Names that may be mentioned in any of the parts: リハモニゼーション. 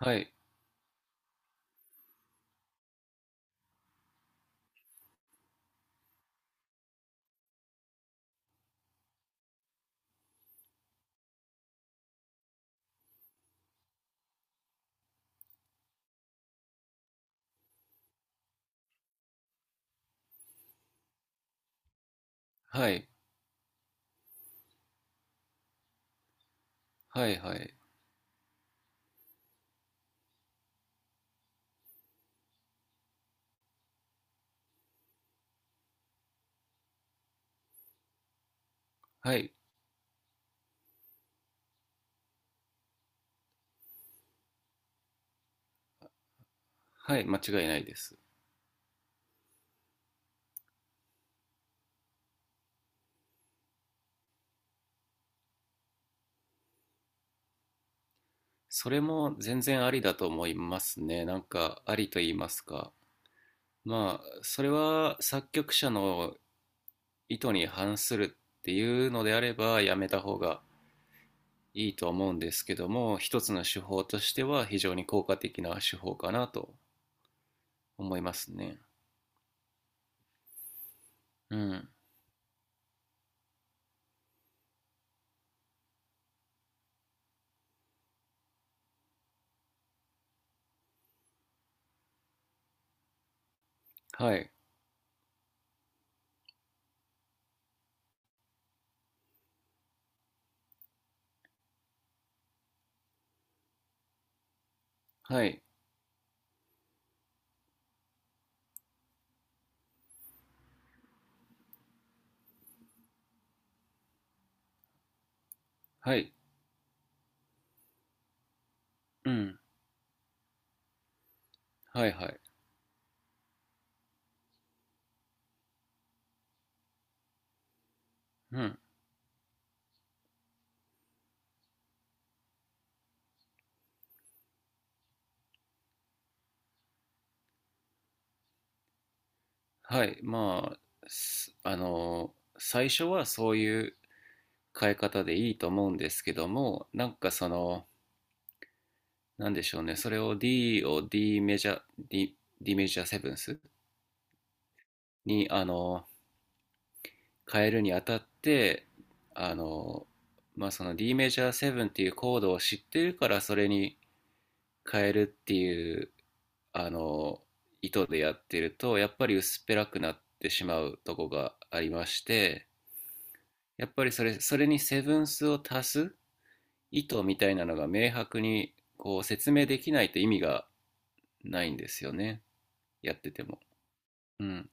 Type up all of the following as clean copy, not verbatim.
はい、はい、はい、はい、はい、はい、間違いないです。それも全然ありだと思いますね。なんか、ありと言いますか。まあ、それは作曲者の意図に反するっていうのであれば、やめた方がいいと思うんですけども、一つの手法としては非常に効果的な手法かなと思いますね。うん、はい、はい、はい、うん、はい、はい、うん、はい、まあ、あの、最初はそういう変え方でいいと思うんですけども、なんかその、なんでしょうね、それを D メジャーセブンスにあの変えるにあたって、あの、まあ、その D メジャーセブンっていうコードを知ってるからそれに変えるっていうあの意図でやってるとやっぱり薄っぺらくなってしまうとこがありまして、やっぱりそれにセブンスを足す意図みたいなのが明白にこう説明できないと意味がないんですよね、やってても。うん、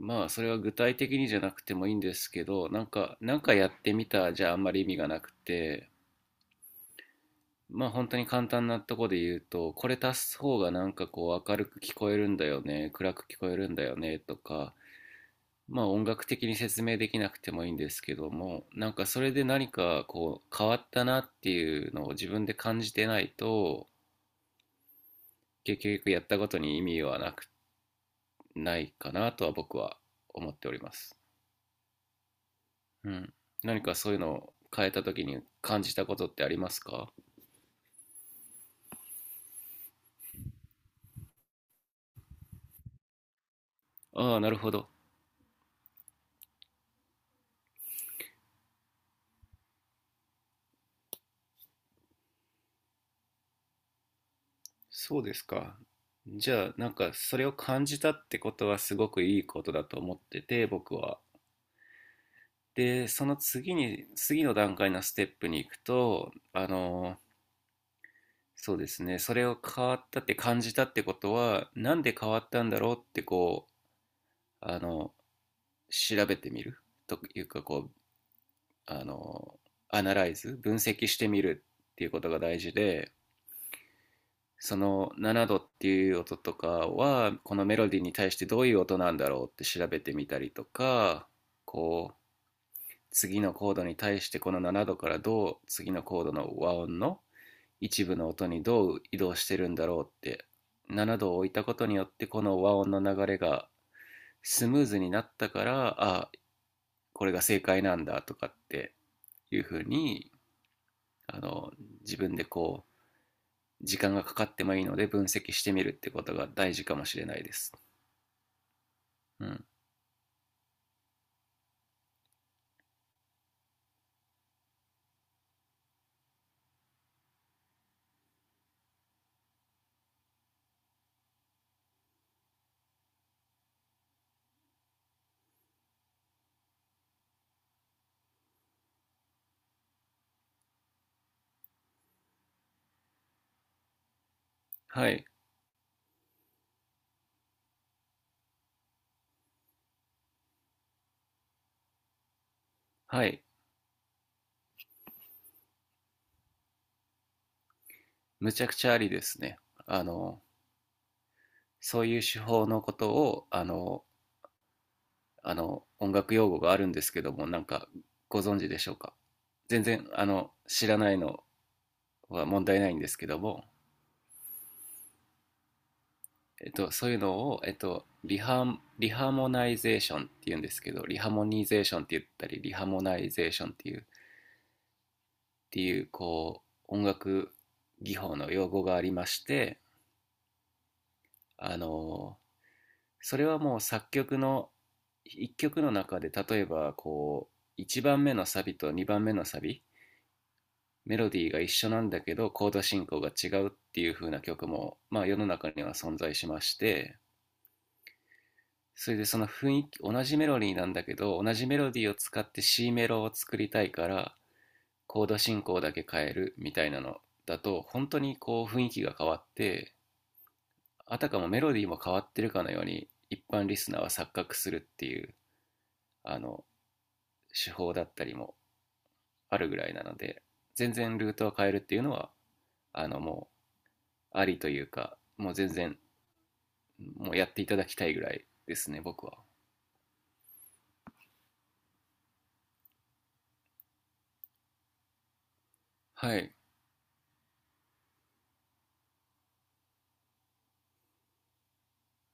まあそれは具体的にじゃなくてもいいんですけど、なんかやってみたじゃあんまり意味がなくて、まあ本当に簡単なとこで言うとこれ足す方がなんかこう明るく聞こえるんだよね、暗く聞こえるんだよねとか、まあ音楽的に説明できなくてもいいんですけども、なんかそれで何かこう変わったなっていうのを自分で感じてないと、結局やったことに意味はなくないかなとは僕は思っております。うん。何かそういうのを変えた時に感じたことってありますか？ああ、なるほど。そうですか。じゃあ、なんかそれを感じたってことはすごくいいことだと思ってて、僕は。で、その次に、次の段階のステップに行くと、あの、そうですね、それを変わったって感じたってことは、なんで変わったんだろうってこう、あの、調べてみるというか、こう、あの、アナライズ、分析してみるっていうことが大事で、その7度っていう音とかはこのメロディーに対してどういう音なんだろうって調べてみたりとか、こう次のコードに対してこの7度からどう次のコードの和音の一部の音にどう移動してるんだろうって、7度を置いたことによってこの和音の流れがスムーズになったから、あ、これが正解なんだとかっていうふうに、あの自分でこう時間がかかってもいいので分析してみるってことが大事かもしれないです。うん。はい。はい。むちゃくちゃありですね。あの、そういう手法のことを、あの、あの、音楽用語があるんですけども、なんか、ご存知でしょうか。全然、あの、知らないのは問題ないんですけども、えっと、そういうのを、えっと、リハモナイゼーションっていうんですけど、リハモニゼーションって言ったり、リハモナイゼーションっていう、こう、音楽技法の用語がありまして、あの、それはもう作曲の一曲の中で例えばこう1番目のサビと2番目のサビ、メロディーが一緒なんだけどコード進行が違うっていう風な曲も、まあ、世の中には存在しまして、それでその雰囲気、同じメロディーなんだけど同じメロディーを使って C メロを作りたいからコード進行だけ変えるみたいなのだと本当にこう雰囲気が変わって、あたかもメロディーも変わってるかのように一般リスナーは錯覚するっていう、あの手法だったりもあるぐらいなので、全然ルートを変えるっていうのはあの、もうありというか、もう全然やっていただきたいぐらいですね僕は。はい、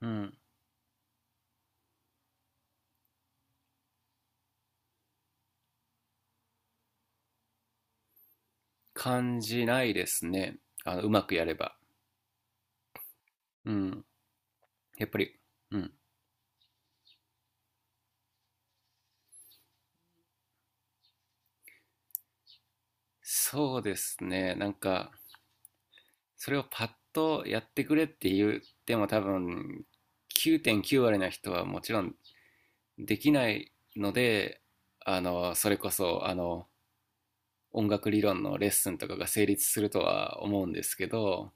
うん、感じないですね、あのうまくやれば。うん、やっぱり。うん、そうですね、なんか、それをパッとやってくれって言っても多分9.9割な人はもちろんできないので、あのそれこそあの音楽理論のレッスンとかが成立するとは思うんですけど、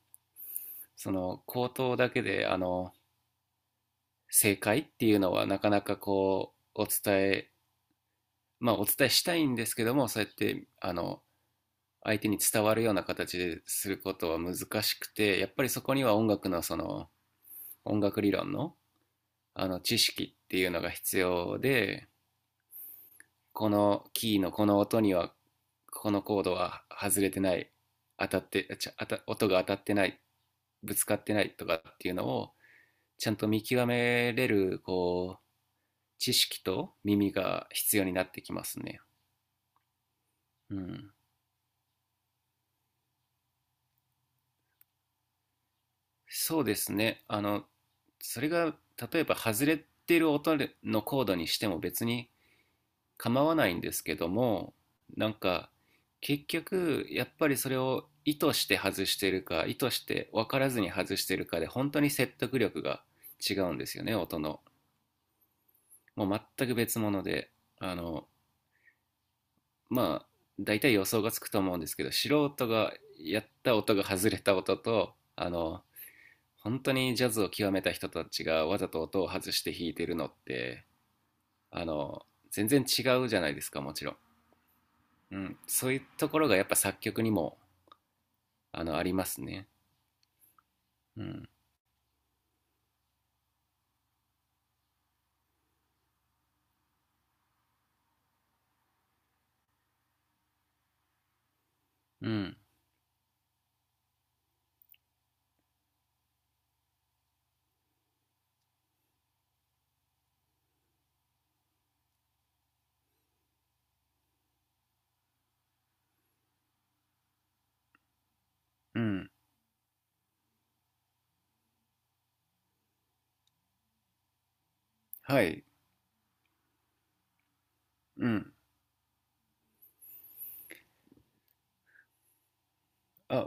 その口頭だけであの正解っていうのはなかなかこうお伝えまあお伝えしたいんですけども、そうやってあの相手に伝わるような形ですることは難しくて、やっぱりそこには音楽のその音楽理論のあの知識っていうのが必要で、このキーのこの音にはこのコードは外れてない、当たってちゃ当た音が当たってない、ぶつかってないとかっていうのをちゃんと見極めれるこう知識と耳が必要になってきますね。うん、そうですね、あのそれが例えば外れてる音のコードにしても別に構わないんですけども、なんか結局やっぱりそれを意図して外してるか意図して分からずに外してるかで本当に説得力が違うんですよね、音の。もう全く別物で、あの、まあ大体予想がつくと思うんですけど、素人がやった音が外れた音と、あの本当にジャズを極めた人たちがわざと音を外して弾いてるのって、あの全然違うじゃないですかもちろん、うん、そういうところがやっぱ作曲にもあのありますね。うん、うん、うん、はい、うん、あ、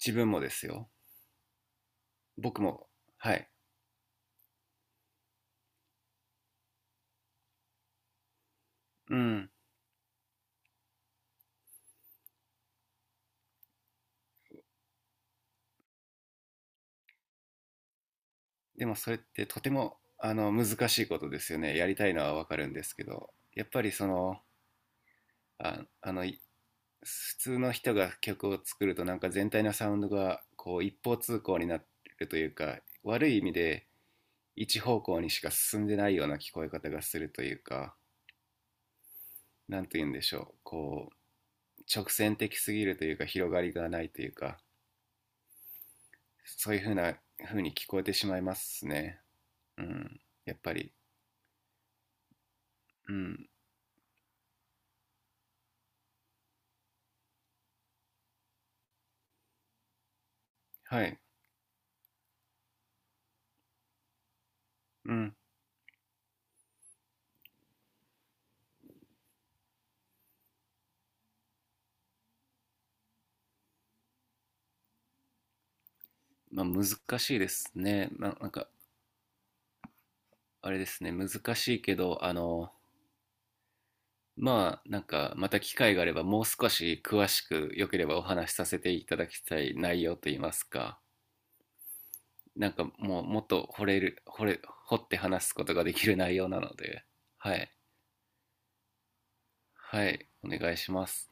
自分もですよ、僕も、はい、うん。でもそれってとてもあの難しいことですよね、やりたいのはわかるんですけど、やっぱりその、あの、普通の人が曲を作るとなんか全体のサウンドがこう一方通行になるというか、悪い意味で一方向にしか進んでないような聞こえ方がするというか、なんて言うんでしょう、こう直線的すぎるというか、広がりがないというか、そういう風に聞こえてしまいますね。うん、やっぱり。うん、はい、うん、まあ難しいですね、まあ、なんか、あれですね、難しいけど、あの、まあ、なんか、また機会があれば、もう少し詳しく、よければお話しさせていただきたい内容といいますか、なんかもう、もっと掘れる、掘れ、掘って話すことができる内容なので、はい、はい、お願いします。